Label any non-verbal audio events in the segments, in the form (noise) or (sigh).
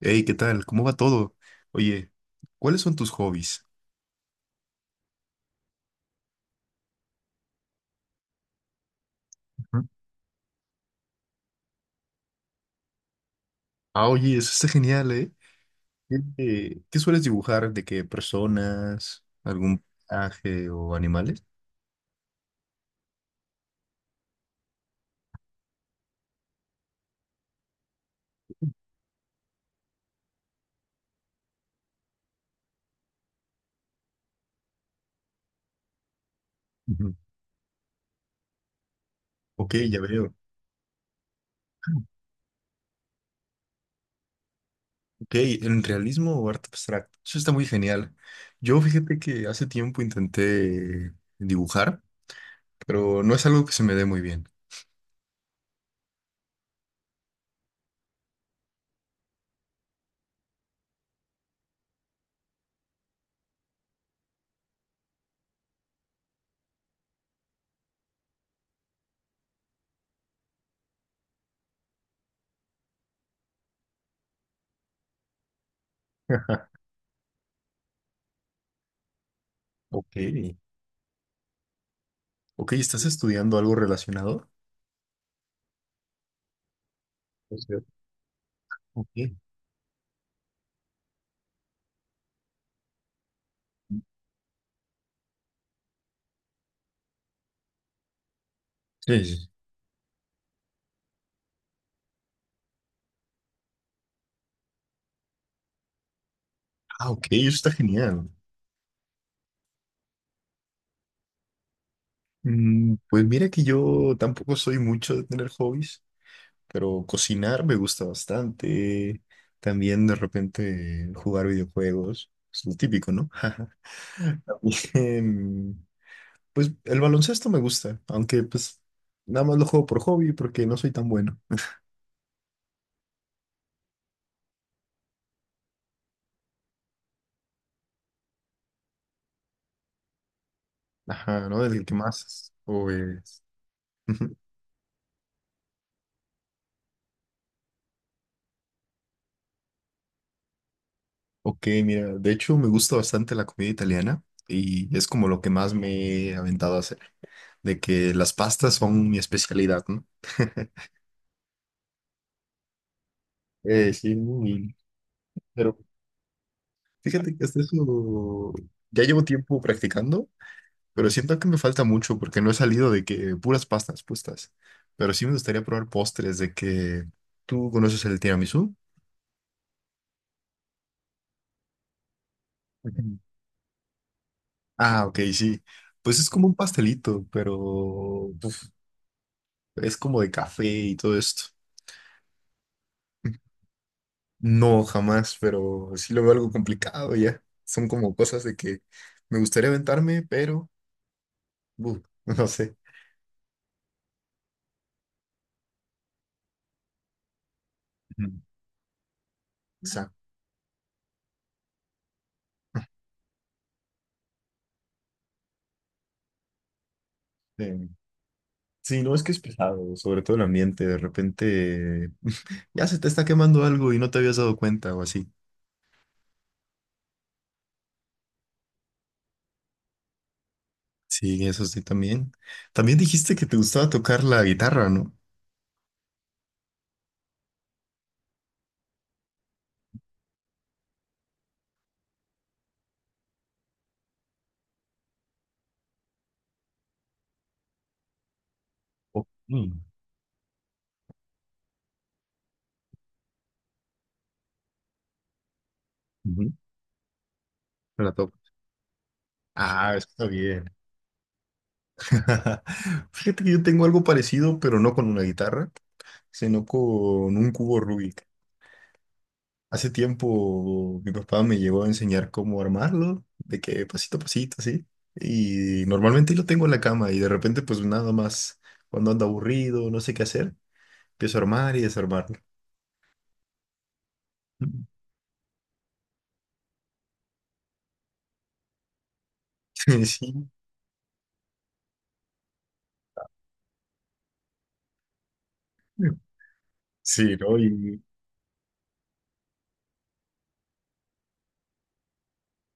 Hey, ¿qué tal? ¿Cómo va todo? Oye, ¿cuáles son tus hobbies? Ujú. Ah, oye, eso está genial, ¿eh? ¿Qué, qué sueles dibujar? ¿De qué personas? ¿Algún paisaje o animales? Ujú. Ok, ya veo. Ok, ¿en realismo o arte abstracto? Eso está muy genial. Yo fíjate que hace tiempo intenté dibujar, pero no es algo que se me dé muy bien. (laughs) Ok. Ok, ¿estás estudiando algo relacionado? Es cierto. Ok. Sí. Sí. Sí. Ah, ok, eso está genial. Pues mira que yo tampoco soy mucho de tener hobbies, pero cocinar me gusta bastante. También de repente jugar videojuegos, es lo típico, ¿no? (laughs) Em, Pues el baloncesto me gusta, aunque pues nada más lo juego por hobby porque no soy tan bueno. Ajá, ¿no? El que más es. Ujú. Ok, mira, de hecho me gusta bastante la comida italiana y es como lo que más me he aventado a hacer, de que las pastas son mi especialidad, ¿no? (laughs) Eh, sí, muy- pero fíjate que hasta eso ya llevo tiempo practicando, pero siento que me falta mucho porque no he salido de que puras pastas puestas. Pero sí me gustaría probar postres de que tú conoces el tiramisú. Ujú. Ah, ok, sí. Pues es como un pastelito, pero uf, es como de café y todo esto. No, jamás, pero sí lo veo algo complicado ya. Son como cosas de que me gustaría aventarme, pero uf, (laughs) no sé. Ujú. Exacto. Sí, no, es que es pesado, sobre todo el ambiente, de repente ya se te está quemando algo y no te habías dado cuenta o así. Sí, eso sí, también. También dijiste que te gustaba tocar la guitarra, ¿no? Oh, mm, ujú, la toco. Ah, eso está bien. (laughs) Fíjate que yo tengo algo parecido, pero no con una guitarra, sino con un cubo Rubik. Hace tiempo mi papá me llegó a enseñar cómo armarlo, de que pasito a pasito, así. Y normalmente lo tengo en la cama y de repente pues nada más, cuando ando aburrido, no sé qué hacer, empiezo a armar y desarmarlo. (laughs) Sí, sí, ¿no? Y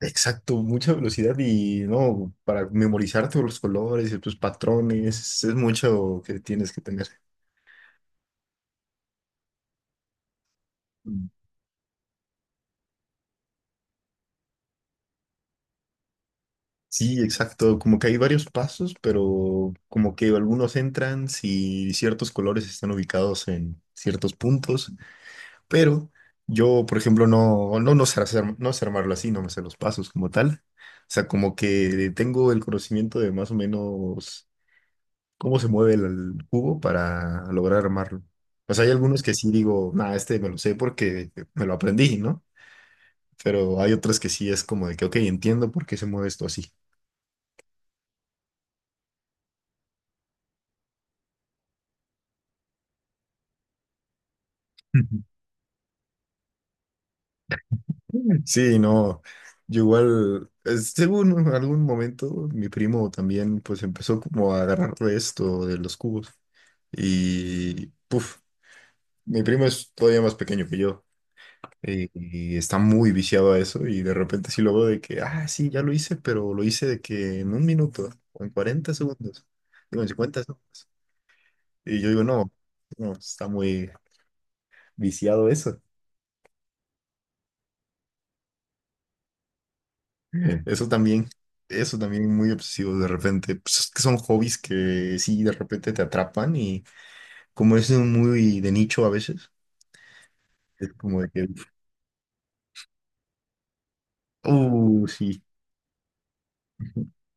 exacto, mucha velocidad y no, para memorizar todos los colores y tus patrones, es mucho que tienes que tener. Sí, exacto. Como que hay varios pasos, pero como que algunos entran si ciertos colores están ubicados en ciertos puntos. Pero yo, por ejemplo, no sé hacer, no sé armarlo así, no me sé los pasos como tal. O sea, como que tengo el conocimiento de más o menos cómo se mueve el cubo para lograr armarlo. O sea, hay algunos que sí digo, nada, este me lo sé porque me lo aprendí, ¿no? Pero hay otros que sí es como de que, ok, entiendo por qué se mueve esto así. (laughs) Sí, no, yo igual, es- según en algún momento, mi primo también pues empezó como a agarrar de esto, de los cubos, y puf, mi primo es todavía más pequeño que yo, y está muy viciado a eso, y de repente sí lo veo de que, ah, sí, ya lo hice, pero lo hice de que en un minuto, o en 40 segundos, digo, en cincuenta segundos, y yo digo, no, no, está muy viciado eso. Eso también, eso también muy obsesivo de repente. Pues es que son hobbies que sí, de repente te atrapan y como es un muy de nicho a veces, es como de que, sí. (laughs)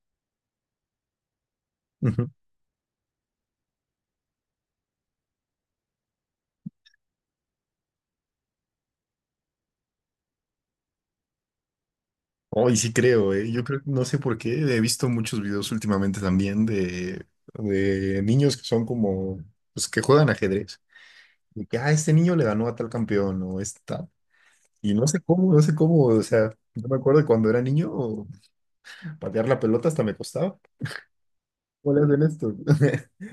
Ujú. Oh, y sí creo, eh. Yo creo, no sé por qué, he visto muchos videos últimamente también de niños que son como, pues que juegan ajedrez. De que, ah, este niño le ganó a tal campeón o esta. Y no sé cómo, no sé cómo, o sea, yo me acuerdo de cuando era niño, patear la pelota hasta me costaba. ¿Cómo es en esto? (laughs)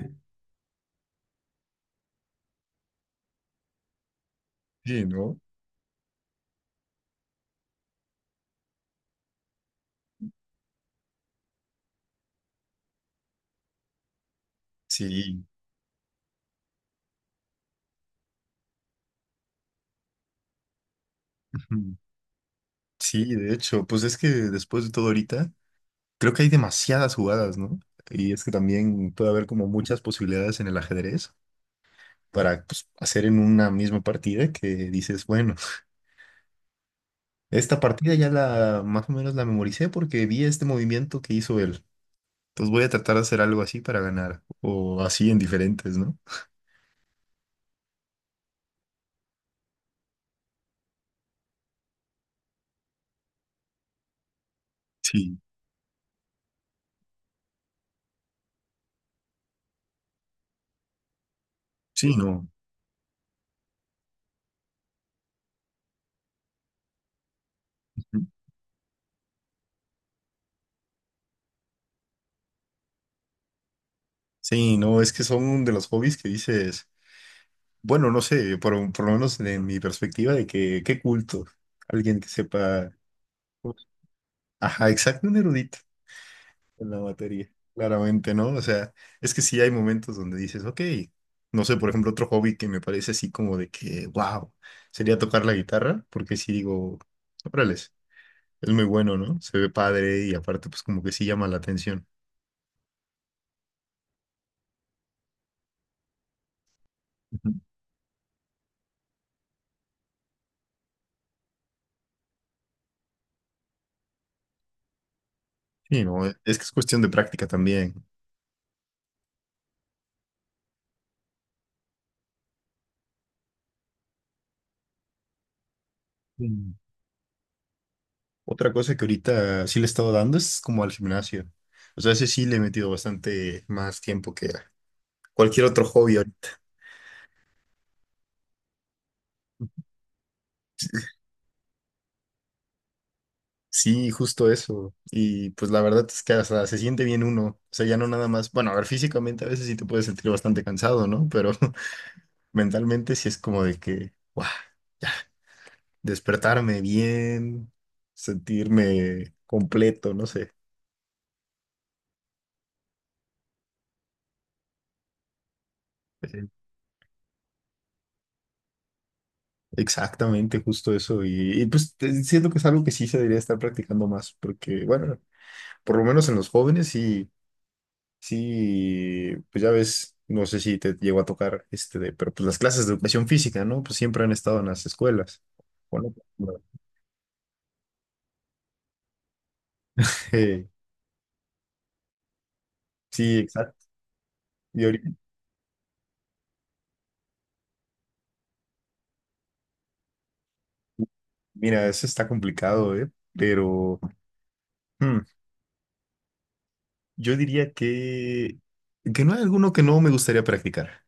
Sí, ¿no? Sí. Ujú. Sí, de hecho, pues es que después de todo ahorita, creo que hay demasiadas jugadas, ¿no? Y es que también puede haber como muchas posibilidades en el ajedrez para pues, hacer en una misma partida que dices, bueno, esta partida ya la más o menos la memoricé porque vi este movimiento que hizo él. Entonces voy a tratar de hacer algo así para ganar o así en diferentes, ¿no? Sí, sí, no. Ujú. Sí, no, es que son de los hobbies que dices. Bueno, no sé, por lo menos en mi perspectiva de que, qué culto, alguien que sepa, ajá, exacto, un erudito en la materia, claramente, ¿no? O sea, es que sí hay momentos donde dices, ok, no sé, por ejemplo, otro hobby que me parece así como de que, wow, sería tocar la guitarra, porque sí digo, órale, es muy bueno, ¿no? Se ve padre y aparte, pues como que sí llama la atención. Ujú. Sí, no, es que es cuestión de práctica también. Sí. Otra cosa que ahorita sí le he estado dando es como al gimnasio. O sea, ese sí le he metido bastante más tiempo que a cualquier otro hobby ahorita. Sí, justo eso. Y pues la verdad es que hasta se siente bien uno. O sea, ya no nada más. Bueno, a ver, físicamente a veces sí te puedes sentir bastante cansado, ¿no? Pero (laughs) mentalmente sí es como de que, ¡guau! Ya, despertarme bien, sentirme completo, no sé. Eh, Exactamente, justo eso. Y pues te- siento que es algo que sí se debería estar practicando más, porque bueno, por lo menos en los jóvenes sí, sí, pues ya ves, no sé si te llegó a tocar este de, pero pues las clases de educación física, ¿no? Pues siempre han estado en las escuelas. Bueno, (laughs) eh, sí, exacto. Y ahorita, mira, eso está complicado, ¿eh? Pero hmm, yo diría que no hay alguno que no me gustaría practicar.